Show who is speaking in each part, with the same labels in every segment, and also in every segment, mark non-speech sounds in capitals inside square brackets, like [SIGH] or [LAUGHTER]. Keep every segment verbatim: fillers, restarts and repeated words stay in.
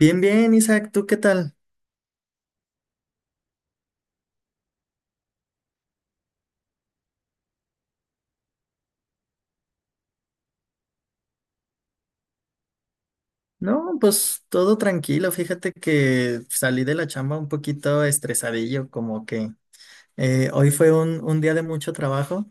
Speaker 1: Bien, bien, Isaac, ¿tú qué tal? No, pues todo tranquilo. Fíjate que salí de la chamba un poquito estresadillo, como que eh, hoy fue un, un día de mucho trabajo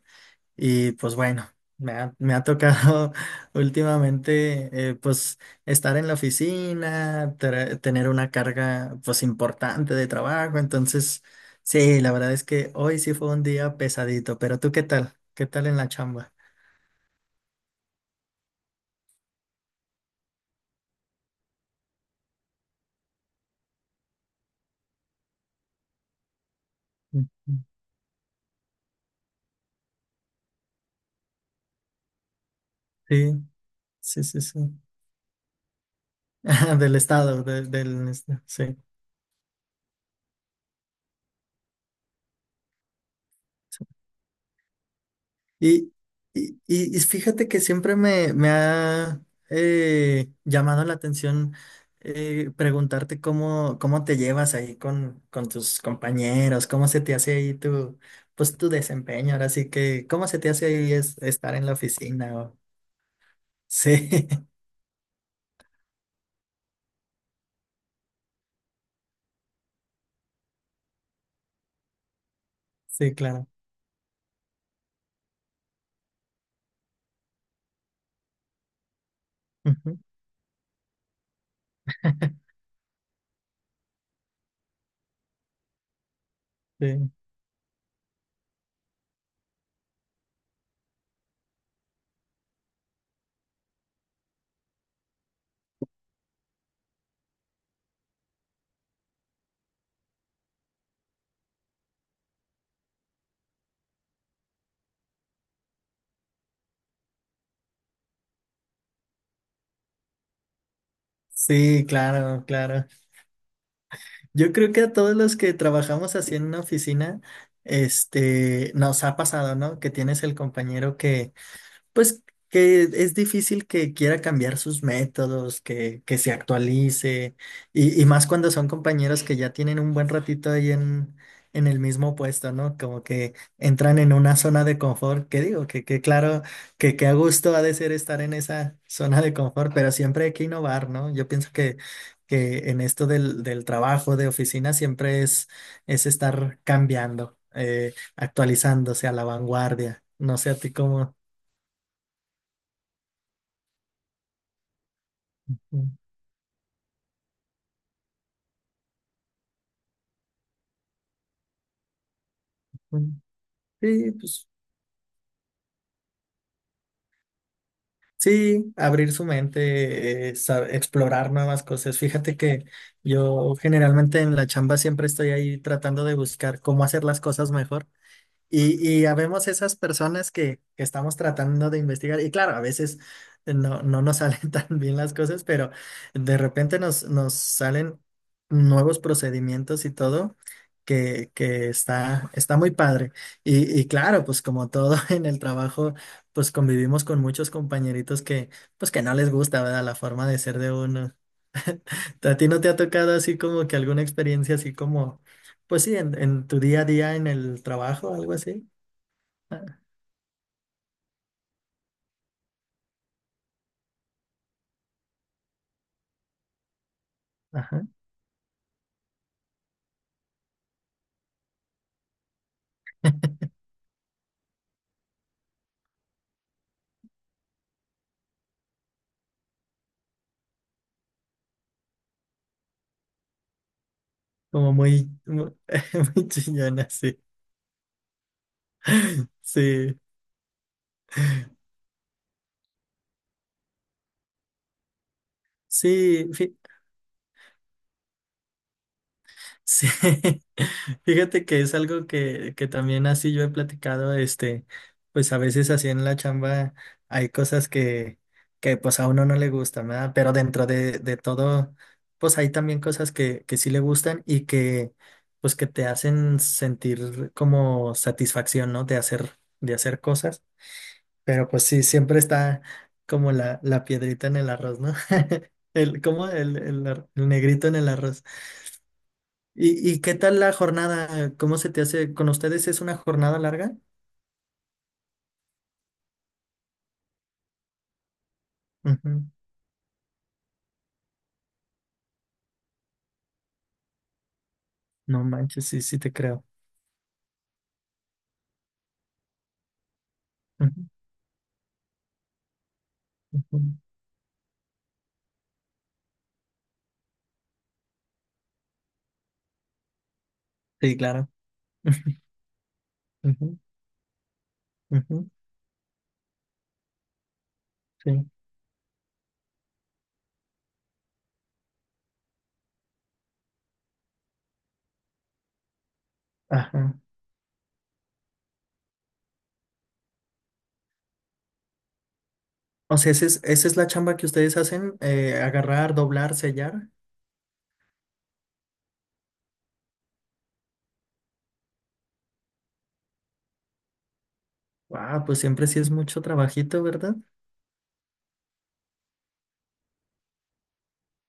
Speaker 1: y pues bueno, me ha, me ha tocado [LAUGHS] últimamente eh, pues estar en la oficina, tra- tener una carga pues importante de trabajo. Entonces, sí, la verdad es que hoy sí fue un día pesadito, pero ¿tú qué tal? ¿Qué tal en la chamba? Ujú. Sí, sí, sí, sí. [LAUGHS] Del estado, de- del, este, sí. Sí. Y, y, y- y fíjate que siempre me, me ha eh, llamado la atención eh, preguntarte cómo, cómo te llevas ahí con, con tus compañeros, cómo se te hace ahí tu, pues, tu desempeño. Ahora sí que, cómo se te hace ahí es, estar en la oficina. O- Sí, [LAUGHS] sí, claro. Ujú. Sí, sí, claro, claro. Yo creo que a todos los que trabajamos así en una oficina, este, nos ha pasado, ¿no? Que tienes el compañero que pues que es difícil que quiera cambiar sus métodos, que, que se actualice, y, y más cuando son compañeros que ya tienen un buen ratito ahí en, en el mismo puesto, ¿no? Como que entran en una zona de confort, que digo, que, que claro, que, que a gusto ha de ser estar en esa zona de confort, pero siempre hay que innovar, ¿no? Yo pienso que, que en esto del, del trabajo de oficina siempre es, es estar cambiando, eh, actualizándose a la vanguardia. No sé a ti cómo. Mm, Sí, pues sí, abrir su mente, eh, sa- explorar nuevas cosas. Fíjate que yo generalmente en la chamba siempre estoy ahí tratando de buscar cómo hacer las cosas mejor. Y, y habemos esas personas que, que estamos tratando de investigar. Y claro, a veces no, no nos salen [LAUGHS] tan bien las cosas, pero de repente nos, nos salen nuevos procedimientos y todo que, que está, está muy padre. Y, y claro, pues como todo [LAUGHS] en el trabajo, pues convivimos con muchos compañeritos que, pues que no les gusta, ¿verdad? La forma de ser de uno. [LAUGHS] ¿A ti no te ha tocado así como que alguna experiencia así como, pues sí, en, en tu día a día en el trabajo, algo así? Ajá. [LAUGHS] Como muy, muy, [LAUGHS] muy chillona, sí. Sí, sí, fí- sí. [LAUGHS] Fíjate que es algo que, que también así yo he platicado, este, pues a veces así en la chamba hay cosas que, que pues a uno no le gustan, ¿verdad? Pero dentro de, de todo, pues hay también cosas que, que sí le gustan y que pues que te hacen sentir como satisfacción, ¿no? De hacer, de hacer cosas. Pero pues sí, siempre está como la, la piedrita en el arroz, ¿no? [LAUGHS] El, ¿cómo? El, el ar- el negrito en el arroz. ¿Y, y qué tal la jornada? ¿Cómo se te hace? ¿Con ustedes es una jornada larga? Ujú. No manches, sí, sí te creo. Ujú, ujú. Sí, claro. [LAUGHS] Ujú, ujú. Sí. Ajá. O sea, esa es, esa es la chamba que ustedes hacen, eh, agarrar, doblar, sellar. Ah, pues siempre sí es mucho trabajito, ¿verdad?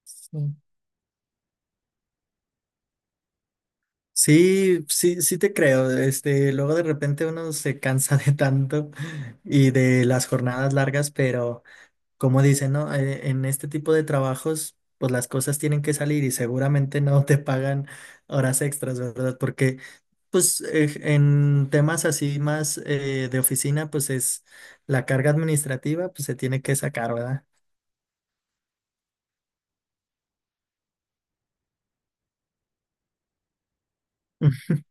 Speaker 1: Sí. Sí, sí, sí te creo. Este, luego de repente uno se cansa [LAUGHS] de tanto y de las jornadas largas, pero como dicen, ¿no? Eh, En este tipo de trabajos, pues las cosas tienen que salir y seguramente no te pagan horas extras, ¿verdad? Porque, pues, eh, en temas así más eh, de oficina, pues es la carga administrativa, pues se tiene que sacar, ¿verdad? [LAUGHS]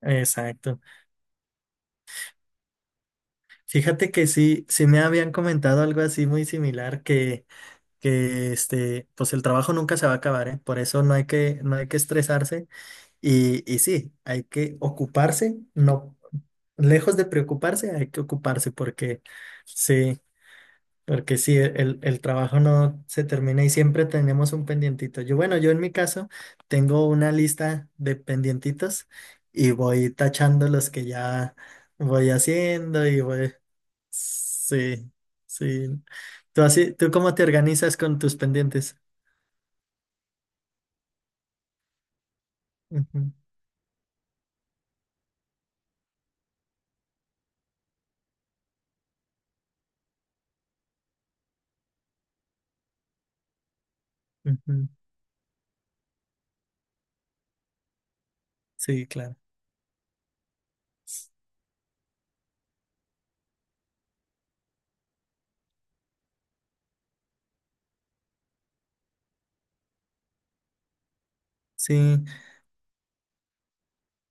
Speaker 1: Exacto. Fíjate que sí, sí me habían comentado algo así muy similar que que este, pues el trabajo nunca se va a acabar, ¿eh? Por eso no hay que, no hay que estresarse y, y sí, hay que ocuparse, no, lejos de preocuparse, hay que ocuparse porque sí, porque sí, el, el trabajo no se termina y siempre tenemos un pendientito. Yo, bueno, yo en mi caso tengo una lista de pendientitos y voy tachando los que ya voy haciendo y voy, sí, sí. ¿Tú así, tú cómo te organizas con tus pendientes? Ujú, ujú. Sí, claro. Sí,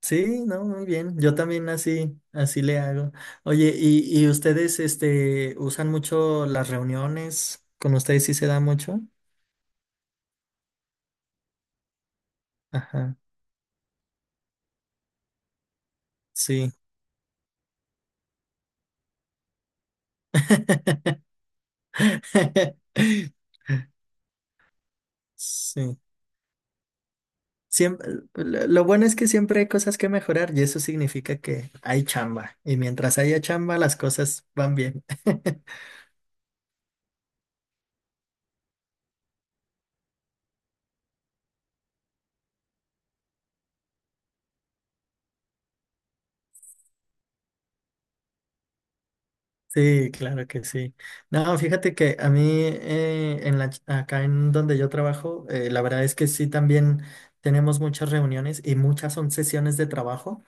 Speaker 1: sí, no, muy bien. Yo también así, así le hago. Oye, ¿y, y ustedes, este, usan mucho las reuniones? ¿Con ustedes sí se da mucho? Ajá, sí. [LAUGHS] Sí. Siempre, lo lo bueno es que siempre hay cosas que mejorar y eso significa que hay chamba. Y mientras haya chamba, las cosas van bien. [LAUGHS] Sí, claro que sí. No, fíjate que a mí eh, en la, ch- acá en donde yo trabajo, eh, la verdad es que sí también tenemos muchas reuniones y muchas son sesiones de trabajo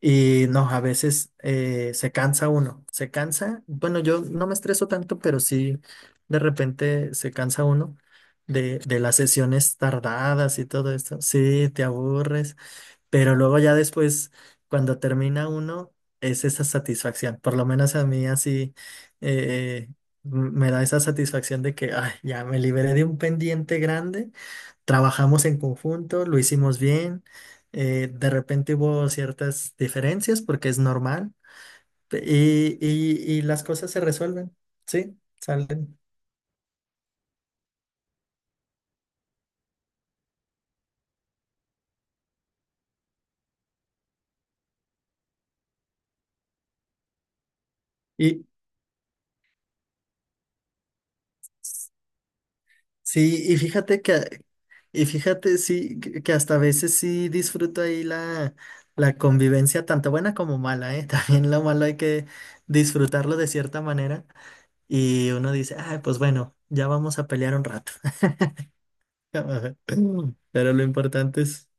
Speaker 1: y no, a veces eh, se cansa uno, se cansa. Bueno, yo no me estreso tanto, pero sí de repente se cansa uno de, de las sesiones tardadas y todo esto. Sí, te aburres. Pero luego ya después, cuando termina uno, es esa satisfacción. Por lo menos a mí así eh, m- me da esa satisfacción de que ay, ya me liberé de un pendiente grande, trabajamos en conjunto, lo hicimos bien, eh, de repente hubo ciertas diferencias porque es normal pe- y, y, y las cosas se resuelven, ¿sí? Salen. Sí, y fíjate que, y fíjate, sí, que que hasta a veces sí disfruto ahí la, la convivencia, tanto buena como mala, ¿eh? [LAUGHS] También lo malo hay que disfrutarlo de cierta manera. Y uno dice, ay, pues bueno, ya vamos a pelear un rato. [LAUGHS] Pero lo importante es.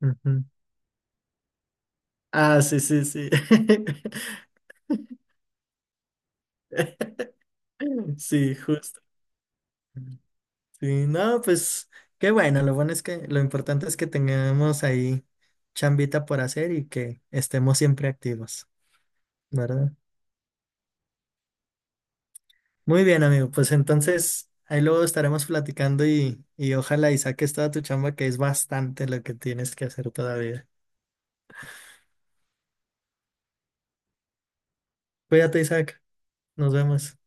Speaker 1: Ujú. Ah, sí, sí, sí. [LAUGHS] Sí, justo. Sí, no, pues qué bueno, lo bueno es que lo importante es que tengamos ahí chambita por hacer y que estemos siempre activos, ¿verdad? Muy bien, amigo, pues entonces ahí luego estaremos platicando y, y ojalá y saques toda tu chamba, que es bastante lo que tienes que hacer todavía. Cuídate, Isaac, nos vemos.